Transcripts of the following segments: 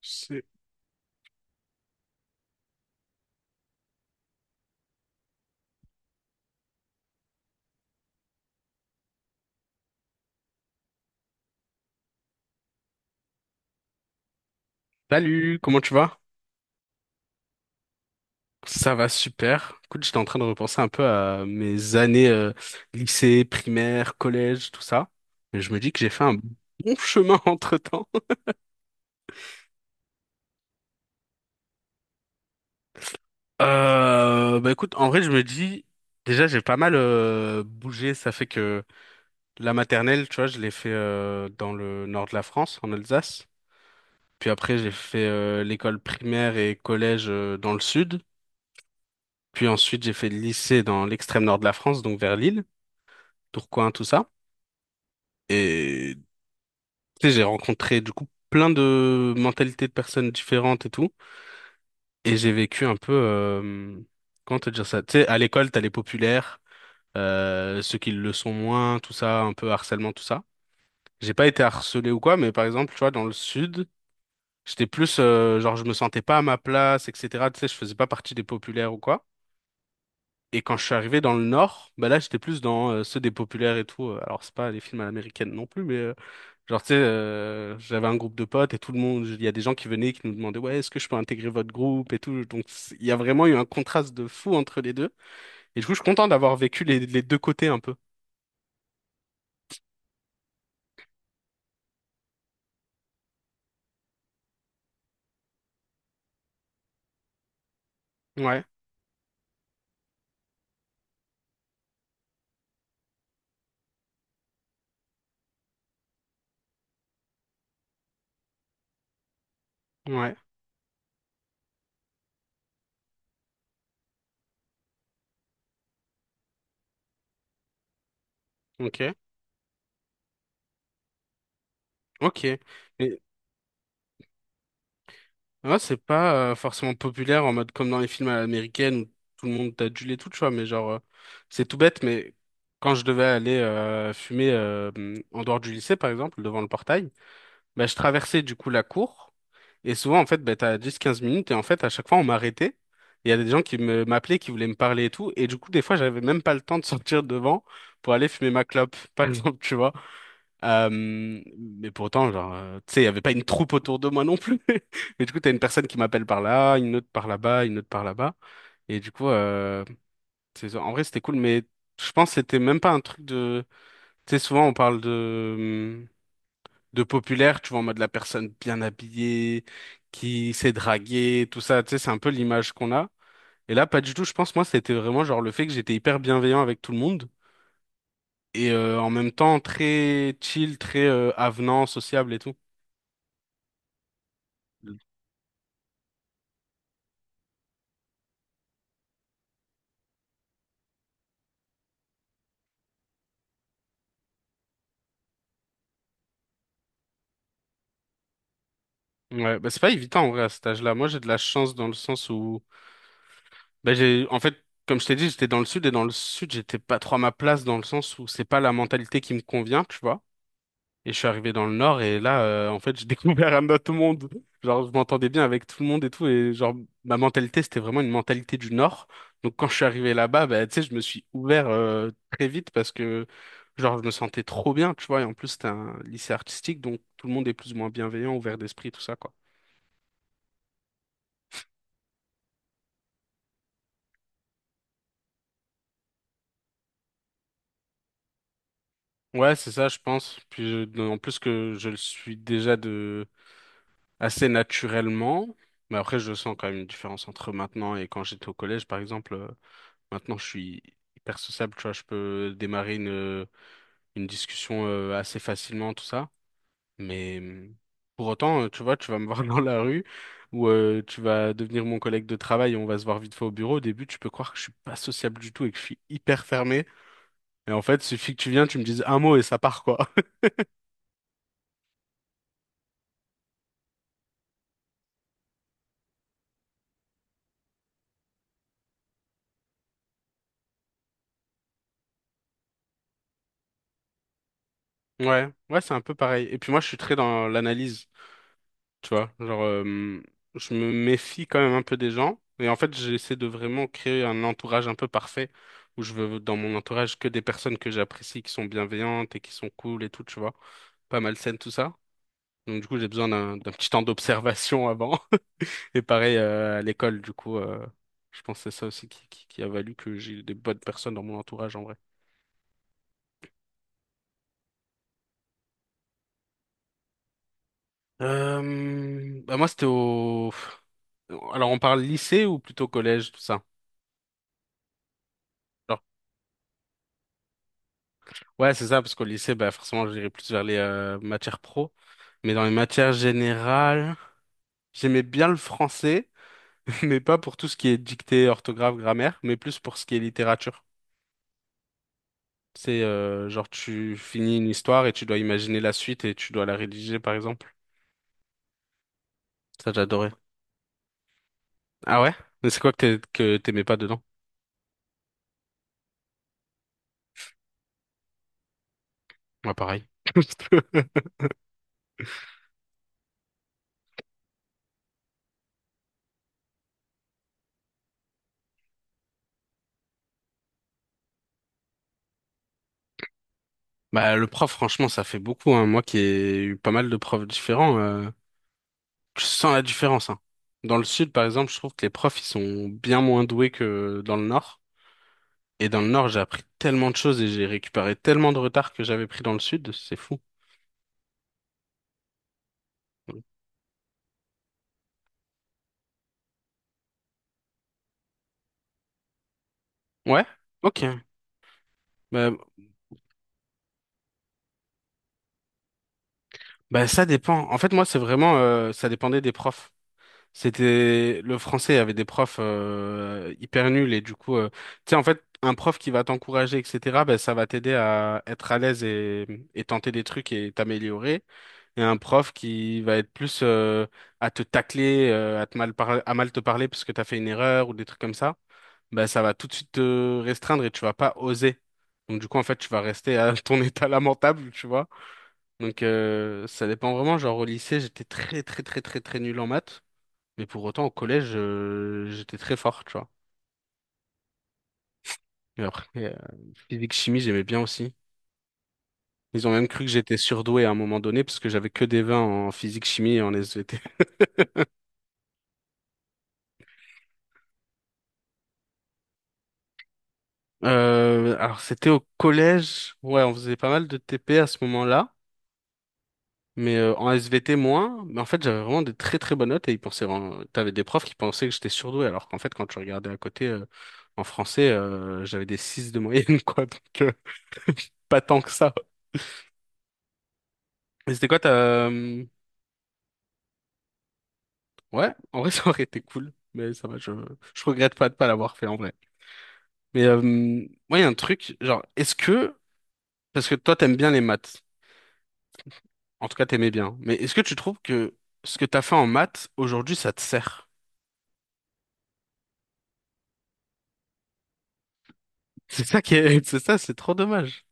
C'est- Salut, comment tu vas? Ça va super. Écoute, j'étais en train de repenser un peu à mes années lycée, primaire, collège, tout ça. Et je me dis que j'ai fait un bon chemin entre-temps. Bah écoute, en vrai, je me dis, déjà, j'ai pas mal bougé. Ça fait que la maternelle, tu vois, je l'ai fait dans le nord de la France, en Alsace. Puis après, j'ai fait l'école primaire et collège dans le sud. Puis ensuite, j'ai fait le lycée dans l'extrême nord de la France, donc vers Lille, Tourcoing, tout ça. Et tu sais, j'ai rencontré du coup plein de mentalités de personnes différentes et tout. Et j'ai vécu un peu, comment te dire ça? Tu sais, à l'école, t'as les populaires, ceux qui le sont moins, tout ça, un peu harcèlement, tout ça. J'ai pas été harcelé ou quoi, mais par exemple, tu vois, dans le sud, j'étais plus, genre, je me sentais pas à ma place, etc. Tu sais, je faisais pas partie des populaires ou quoi. Et quand je suis arrivé dans le nord, bah là, j'étais plus dans ceux des populaires et tout. Alors, c'est pas les films à l'américaine non plus, mais genre, tu sais, j'avais un groupe de potes et tout le monde, il y a des gens qui venaient qui nous demandaient, ouais, est-ce que je peux intégrer votre groupe et tout. Donc, il y a vraiment eu un contraste de fou entre les deux. Et du coup, je suis content d'avoir vécu les deux côtés un peu. Ouais, ouais, ok, ok. Mais ouais, c'est pas forcément populaire en mode comme dans les films à l'américaine où tout le monde t'adule et tout, tu vois, mais genre, c'est tout bête, mais quand je devais aller fumer en dehors du lycée, par exemple, devant le portail, bah, je traversais du coup la cour. Et souvent, en fait, bah, t'as 10 15 minutes. Et en fait, à chaque fois, on m'arrêtait. Il y a des gens qui me m'appelaient, qui voulaient me parler et tout. Et du coup, des fois, j'avais même pas le temps de sortir devant pour aller fumer ma clope, par exemple, tu vois. Euh, mais pourtant, genre, tu sais, il y avait pas une troupe autour de moi non plus. Mais du coup, t'as une personne qui m'appelle par là, une autre par là-bas, une autre par là-bas. Et du coup, en vrai, c'était cool. Mais je pense que c'était même pas un truc de... Tu sais, souvent, on parle de populaire, tu vois, en mode la personne bien habillée, qui s'est draguée, tout ça, tu sais, c'est un peu l'image qu'on a. Et là, pas du tout, je pense, moi, c'était vraiment genre le fait que j'étais hyper bienveillant avec tout le monde et en même temps très chill, très avenant, sociable et tout. Ouais, bah c'est pas évident en vrai à cet âge-là. Moi, j'ai de la chance dans le sens où, bah j'ai, en fait, comme je t'ai dit, j'étais dans le sud et dans le sud, j'étais pas trop à ma place dans le sens où c'est pas la mentalité qui me convient, tu vois. Et je suis arrivé dans le Nord et là, en fait, j'ai découvert un autre monde. Genre, je m'entendais bien avec tout le monde et tout. Et genre, ma mentalité, c'était vraiment une mentalité du Nord. Donc, quand je suis arrivé là-bas, bah, tu sais, je me suis ouvert très vite parce que, genre, je me sentais trop bien, tu vois. Et en plus, c'était un lycée artistique, donc tout le monde est plus ou moins bienveillant, ouvert d'esprit, tout ça, quoi. Ouais, c'est ça, je pense. Puis, en plus que je le suis déjà de assez naturellement. Mais après, je sens quand même une différence entre maintenant et quand j'étais au collège, par exemple. Maintenant, je suis hyper sociable, tu vois, je peux démarrer une discussion assez facilement, tout ça. Mais pour autant, tu vois, tu vas me voir dans la rue ou tu vas devenir mon collègue de travail et on va se voir vite fait au bureau. Au début, tu peux croire que je suis pas sociable du tout et que je suis hyper fermé. Et en fait, suffit que tu viennes, tu me dises un mot et ça part, quoi. Ouais, ouais, c'est un peu pareil. Et puis moi, je suis très dans l'analyse. Tu vois, genre, je me méfie quand même un peu des gens. Et en fait, j'essaie de vraiment créer un entourage un peu parfait où je veux dans mon entourage que des personnes que j'apprécie, qui sont bienveillantes et qui sont cool et tout, tu vois. Pas malsaines, tout ça. Donc, du coup, j'ai besoin d'un petit temps d'observation avant. Et pareil, à l'école, du coup, je pense que c'est ça aussi qui a valu que j'ai des bonnes personnes dans mon entourage en vrai. Bah moi, c'était au. Alors, on parle lycée ou plutôt collège, tout ça? Ouais, c'est ça, parce qu'au lycée, bah, forcément, j'irais plus vers les matières pro. Mais dans les matières générales, j'aimais bien le français, mais pas pour tout ce qui est dictée, orthographe, grammaire, mais plus pour ce qui est littérature. C'est genre, tu finis une histoire et tu dois imaginer la suite et tu dois la rédiger, par exemple. Ça, j'adorais. Ah ouais? Mais c'est quoi que t'aimais pas dedans? Moi, pareil. Bah, le prof, franchement, ça fait beaucoup, hein. Moi qui ai eu pas mal de profs différents. Je sens la différence, hein. Dans le sud, par exemple, je trouve que les profs, ils sont bien moins doués que dans le nord. Et dans le nord, j'ai appris tellement de choses et j'ai récupéré tellement de retard que j'avais pris dans le sud, c'est fou. Ouais? Ok. Bah, bah, ça dépend. En fait, moi, c'est vraiment, ça dépendait des profs. C'était, le français avait des profs hyper nuls et du coup, tu sais, en fait, un prof qui va t'encourager, etc., bah, ça va t'aider à être à l'aise et tenter des trucs et t'améliorer. Et un prof qui va être plus à te tacler, à mal te parler parce que t'as fait une erreur ou des trucs comme ça, ben ça va tout de suite te restreindre et tu vas pas oser. Donc du coup en fait tu vas rester à ton état lamentable, tu vois. Donc ça dépend vraiment. Genre au lycée j'étais très nul en maths, mais pour autant au collège j'étais très fort, tu vois. Et après physique chimie j'aimais bien aussi. Ils ont même cru que j'étais surdoué à un moment donné parce que j'avais que des 20 en physique chimie et en SVT. Alors c'était au collège, ouais, on faisait pas mal de TP à ce moment-là, mais en SVT moins. Mais en fait, j'avais vraiment des très bonnes notes et ils pensaient, t'avais des profs qui pensaient que j'étais surdoué, alors qu'en fait, quand tu regardais à côté en français, j'avais des 6 de moyenne, quoi, donc pas tant que ça. Mais c'était quoi ta... euh, Ouais, en vrai, ça aurait été cool, mais ça va, je regrette pas de pas l'avoir fait en vrai. Mais ouais, il y a un truc, genre, est-ce que... Parce que toi, t'aimes bien les maths. En tout cas, t'aimais bien. Mais est-ce que tu trouves que ce que t'as fait en maths, aujourd'hui, ça te sert? C'est ça qui est, c'est ça, c'est trop dommage.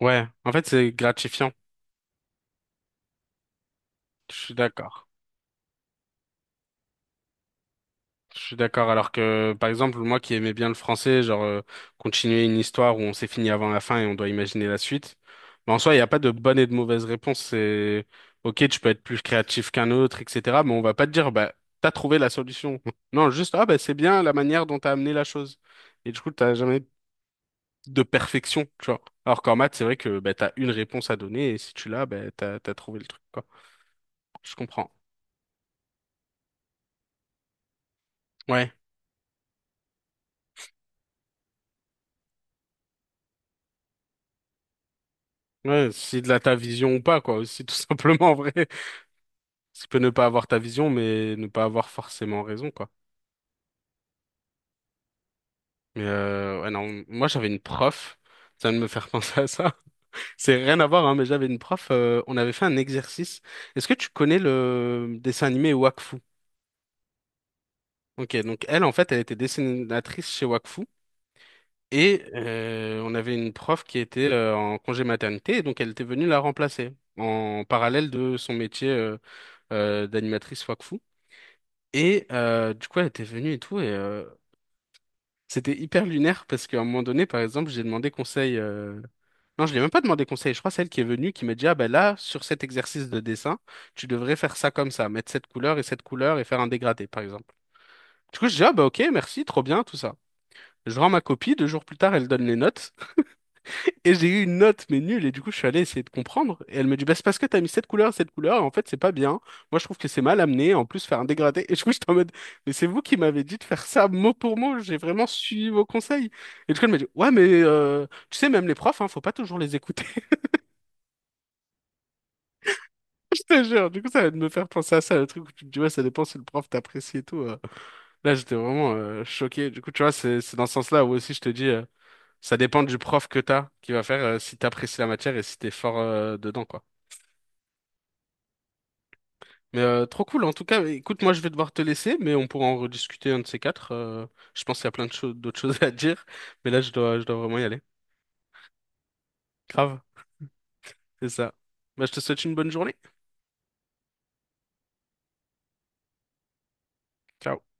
Ouais, en fait, c'est gratifiant. Je suis d'accord. Je suis d'accord. Alors que, par exemple, moi qui aimais bien le français, genre, continuer une histoire où on s'est fini avant la fin et on doit imaginer la suite. Mais en soi, il n'y a pas de bonne et de mauvaise réponse. C'est, ok, tu peux être plus créatif qu'un autre, etc. Mais on va pas te dire, bah, t'as trouvé la solution. Non, juste, ah, bah, c'est bien la manière dont t'as amené la chose. Et du coup, t'as jamais de perfection, tu vois. Alors qu'en maths, c'est vrai que bah, t'as une réponse à donner et si tu l'as, bah, t'as trouvé le truc, quoi. Je comprends. Ouais. Ouais, c'est de la ta vision ou pas, quoi, aussi, tout simplement, en vrai. Tu peux ne pas avoir ta vision, mais ne pas avoir forcément raison, quoi. Mais ouais, non, moi, j'avais une prof, ça vient de me faire penser à ça. C'est rien à voir, hein, mais j'avais une prof, on avait fait un exercice. Est-ce que tu connais le dessin animé Wakfu? Ok, donc elle, en fait, elle était dessinatrice chez Wakfu. Et on avait une prof qui était en congé maternité, et donc elle était venue la remplacer en parallèle de son métier d'animatrice Wakfu. Et du coup, elle était venue et tout, c'était hyper lunaire parce qu'à un moment donné, par exemple, j'ai demandé conseil. Non, je lui ai même pas demandé conseil. Je crois que c'est elle qui est venue qui m'a dit, ah ben là, sur cet exercice de dessin, tu devrais faire ça comme ça, mettre cette couleur et faire un dégradé, par exemple. Du coup, je dis, ah bah ok, merci, trop bien, tout ça. Je rends ma copie, deux jours plus tard, elle donne les notes. Et j'ai eu une note, mais nulle, et du coup, je suis allé essayer de comprendre. Et elle me dit, bah, c'est parce que t'as mis cette couleur, et en fait, c'est pas bien. Moi, je trouve que c'est mal amené, en plus, faire un dégradé. Et du coup, j'étais en mode, mais c'est vous qui m'avez dit de faire ça mot pour mot, j'ai vraiment suivi vos conseils. Et du coup, elle m'a dit, ouais, mais tu sais, même les profs, hein, faut pas toujours les écouter. Je te jure, du coup, ça va me faire penser à ça, le truc où tu te dis, ouais, ça dépend si le prof t'apprécie et tout. Là, j'étais vraiment choqué. Du coup, tu vois, c'est dans ce sens-là où aussi, je te dis, ça dépend du prof que t'as, qui va faire si t'apprécies la matière et si t'es fort dedans, quoi. Mais trop cool en tout cas. Écoute, moi je vais devoir te laisser, mais on pourra en rediscuter un de ces quatre. Je pense qu'il y a plein de choses, d'autres choses à dire, mais là je dois vraiment y aller. Grave, c'est ça. Bah, je te souhaite une bonne journée. Ciao.